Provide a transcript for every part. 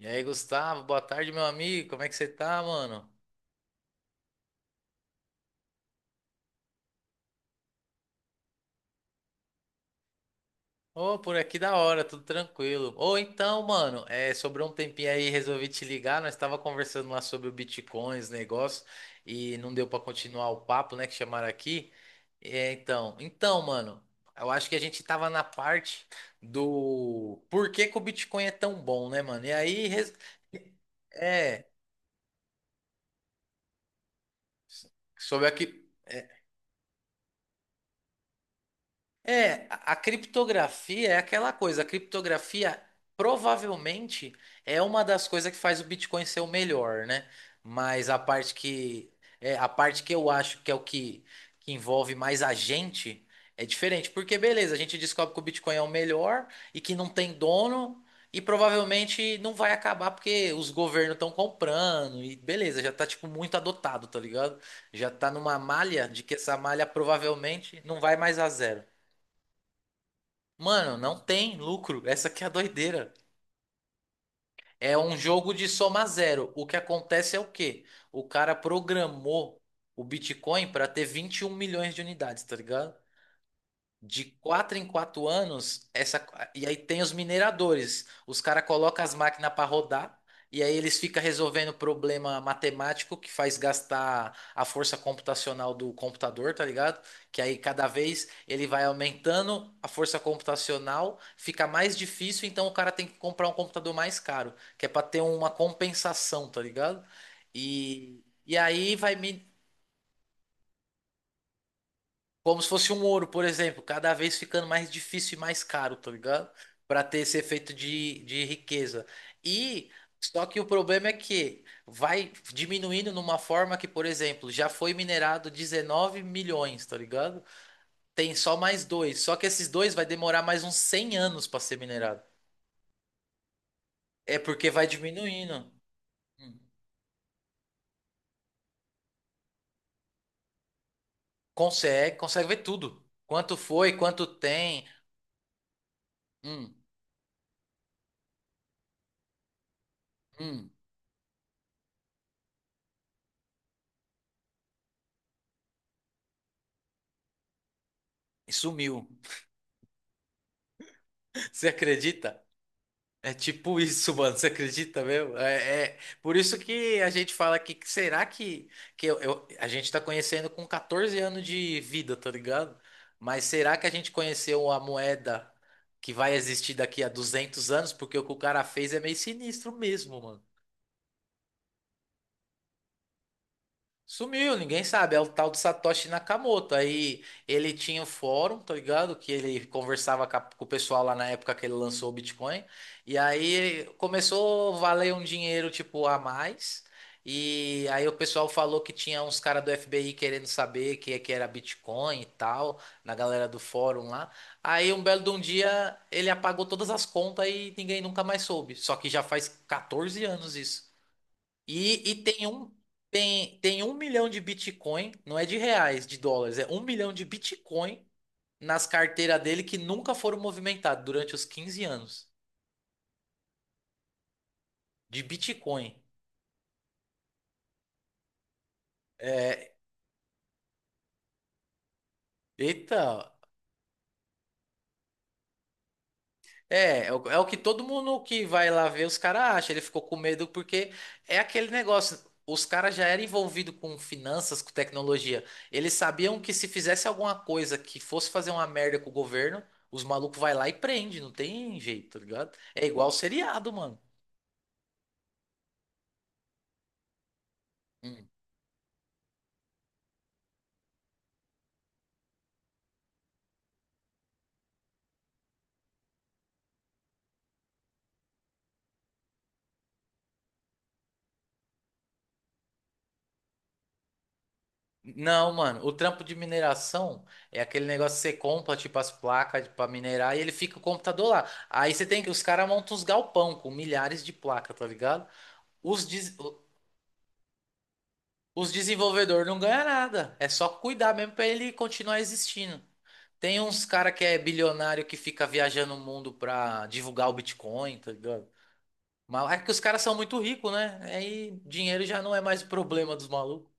E aí, Gustavo, boa tarde, meu amigo. Como é que você tá, mano? Ô, por aqui da hora, tudo tranquilo. Ou então, mano, é, sobrou um tempinho aí, resolvi te ligar. Nós tava conversando lá sobre o Bitcoin, os negócios, e não deu pra continuar o papo, né, que chamaram aqui. É, então, mano, eu acho que a gente tava na parte do por que que o Bitcoin é tão bom, né, mano? E aí, é, sobre aqui. É, a criptografia é aquela coisa. A criptografia provavelmente é uma das coisas que faz o Bitcoin ser o melhor, né? Mas a parte que É a parte que eu acho que é que envolve mais a gente é diferente, porque beleza, a gente descobre que o Bitcoin é o melhor e que não tem dono e provavelmente não vai acabar porque os governos estão comprando e beleza, já tá tipo muito adotado, tá ligado? Já tá numa malha de que essa malha provavelmente não vai mais a zero. Mano, não tem lucro. Essa aqui é a doideira. É um jogo de soma zero. O que acontece é o quê? O cara programou o Bitcoin para ter 21 milhões de unidades, tá ligado? De quatro em quatro anos, e aí tem os mineradores. Os caras colocam as máquinas para rodar, e aí eles ficam resolvendo problema matemático que faz gastar a força computacional do computador, tá ligado? Que aí cada vez ele vai aumentando a força computacional, fica mais difícil, então o cara tem que comprar um computador mais caro, que é para ter uma compensação, tá ligado? E aí vai, como se fosse um ouro, por exemplo, cada vez ficando mais difícil e mais caro, tá ligado? Para ter esse efeito de riqueza. E só que o problema é que vai diminuindo numa forma que, por exemplo, já foi minerado 19 milhões, tá ligado? Tem só mais dois. Só que esses dois vai demorar mais uns 100 anos para ser minerado. É porque vai diminuindo. Hum. Consegue, consegue ver tudo. Quanto foi, quanto tem. Hum, hum. E sumiu. Você acredita? É tipo isso, mano. Você acredita mesmo? É, por isso que a gente fala que será a gente tá conhecendo com 14 anos de vida, tá ligado? Mas será que a gente conheceu a moeda que vai existir daqui a 200 anos? Porque o que o cara fez é meio sinistro mesmo. Sumiu, ninguém sabe. É o tal do Satoshi Nakamoto. Aí ele tinha o fórum, tá ligado? Que ele conversava com o pessoal lá na época que ele lançou o Bitcoin. E aí começou a valer um dinheiro, tipo, a mais. E aí o pessoal falou que tinha uns caras do FBI querendo saber que é que era Bitcoin e tal, na galera do fórum lá. Aí um belo de um dia ele apagou todas as contas e ninguém nunca mais soube. Só que já faz 14 anos isso. E tem um milhão de Bitcoin, não é de reais, de dólares, é um milhão de Bitcoin nas carteiras dele que nunca foram movimentados durante os 15 anos de Bitcoin. É, eita. É, é o que todo mundo que vai lá ver, os caras acham. Ele ficou com medo porque é aquele negócio. Os caras já eram envolvidos com finanças, com tecnologia. Eles sabiam que se fizesse alguma coisa que fosse fazer uma merda com o governo, os malucos vai lá e prende. Não tem jeito, tá ligado? É igual seriado, mano. Hum. Não, mano, o trampo de mineração é aquele negócio que você compra, tipo, as placas pra minerar e ele fica o computador lá. Aí você tem que, os caras montam uns galpão com milhares de placas, tá ligado? Os, des- Os desenvolvedores não ganham nada. É só cuidar mesmo pra ele continuar existindo. Tem uns cara que é bilionário que fica viajando o mundo pra divulgar o Bitcoin, tá ligado? Mas é que os caras são muito ricos, né? Aí dinheiro já não é mais o problema dos malucos.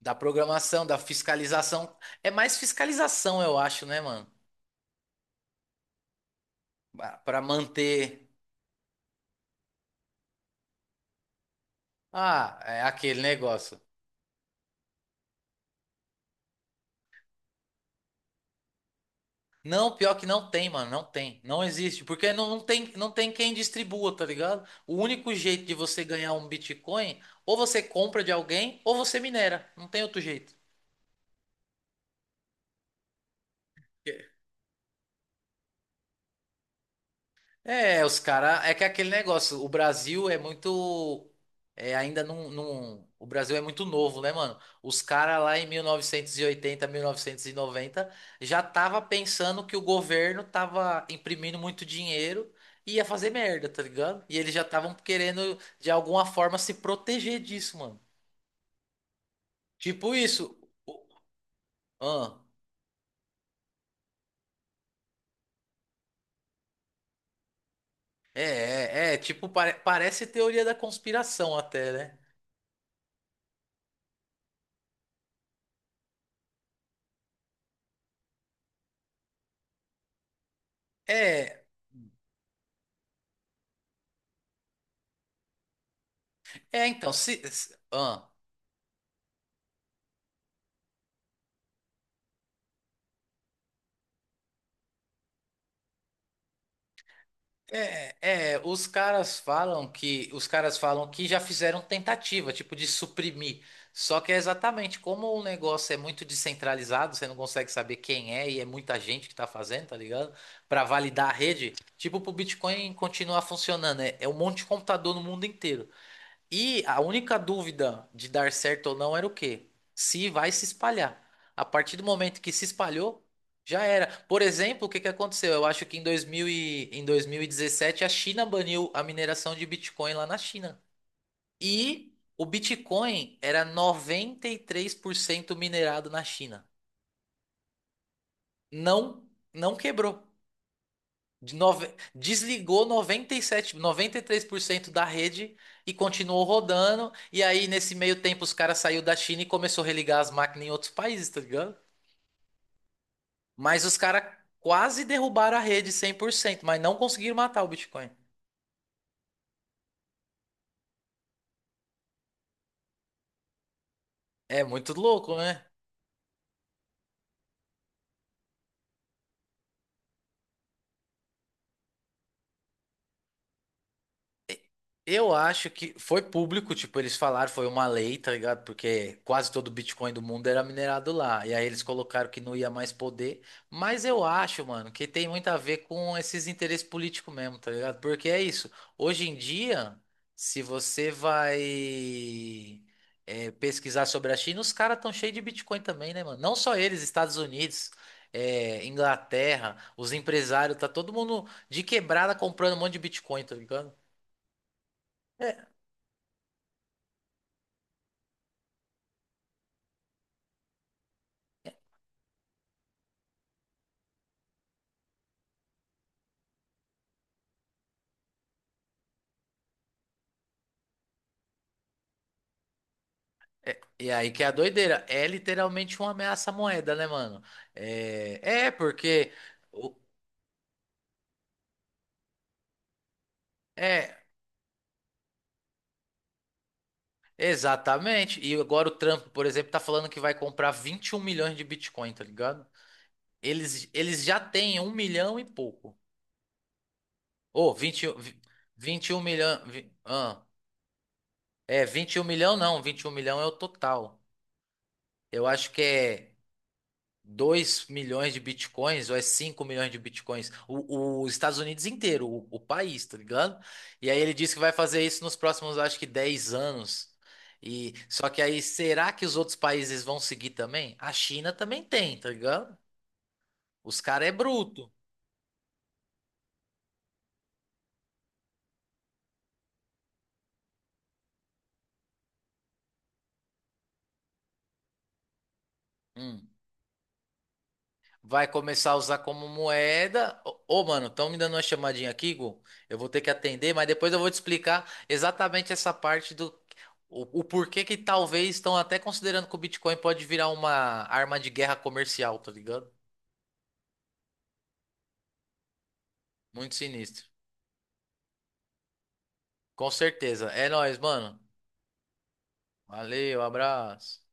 Da programação, da fiscalização. É mais fiscalização, eu acho, né, mano? Pra manter. Ah, é aquele negócio. Não, pior que não tem, mano, não tem, não existe, porque não, não tem quem distribua, tá ligado? O único jeito de você ganhar um Bitcoin, ou você compra de alguém, ou você minera, não tem outro jeito. É, os caras. É que é aquele negócio. O Brasil é muito. É, ainda não, não. O Brasil é muito novo, né, mano? Os caras lá em mil novecentos e oitenta, 1990, já tava pensando que o governo tava imprimindo muito dinheiro e ia fazer merda, tá ligado? E eles já estavam querendo, de alguma forma, se proteger disso, mano. Tipo isso. O- Ah, é, é, é. Tipo, parece teoria da conspiração até, né? É. É, então, ah. É, os caras falam que já fizeram tentativa, tipo, de suprimir. Só que é exatamente como o negócio é muito descentralizado, você não consegue saber quem é e é muita gente que tá fazendo, tá ligado? Pra validar a rede, tipo, pro Bitcoin continuar funcionando, é um monte de computador no mundo inteiro. E a única dúvida de dar certo ou não era o quê? Se vai se espalhar. A partir do momento que se espalhou, já era. Por exemplo, o que que aconteceu? Eu acho que em 2017 a China baniu a mineração de Bitcoin lá na China. E o Bitcoin era 93% minerado na China. Não, não quebrou. Desligou 93% da rede e continuou rodando. E aí, nesse meio tempo, os caras saiu da China e começou a religar as máquinas em outros países, tá ligado? Mas os caras quase derrubaram a rede 100%, mas não conseguiram matar o Bitcoin. É muito louco, né? Eu acho que foi público, tipo, eles falaram, foi uma lei, tá ligado? Porque quase todo o Bitcoin do mundo era minerado lá. E aí eles colocaram que não ia mais poder. Mas eu acho, mano, que tem muito a ver com esses interesses políticos mesmo, tá ligado? Porque é isso. Hoje em dia, se você vai pesquisar sobre a China, os caras estão cheios de Bitcoin também, né, mano? Não só eles, Estados Unidos, Inglaterra, os empresários, tá todo mundo de quebrada comprando um monte de Bitcoin, tá ligado? E aí que é a doideira. É literalmente uma ameaça à moeda, né, mano? É, é porque. o- É, exatamente. E agora o Trump, por exemplo, tá falando que vai comprar 21 milhões de Bitcoin, tá ligado? Eles já têm um milhão e pouco. Ô, 20 e- um vi- 21 milhão. Vinte e um milhão não, 21 milhão é o total. Eu acho que é, 2 milhões de bitcoins, ou é 5 milhões de bitcoins, os Estados Unidos inteiro, o país, tá ligado? E aí ele disse que vai fazer isso nos próximos, acho que 10 anos. E só que aí, será que os outros países vão seguir também? A China também tem, tá ligado? Os caras é bruto. Hum. Vai começar a usar como moeda. Ô, ô, mano, estão me dando uma chamadinha aqui, Gu. Eu vou ter que atender, mas depois eu vou te explicar exatamente essa parte do O, o porquê que talvez estão até considerando que o Bitcoin pode virar uma arma de guerra comercial, tá ligado? Muito sinistro. Com certeza. É nóis, mano. Valeu, abraço.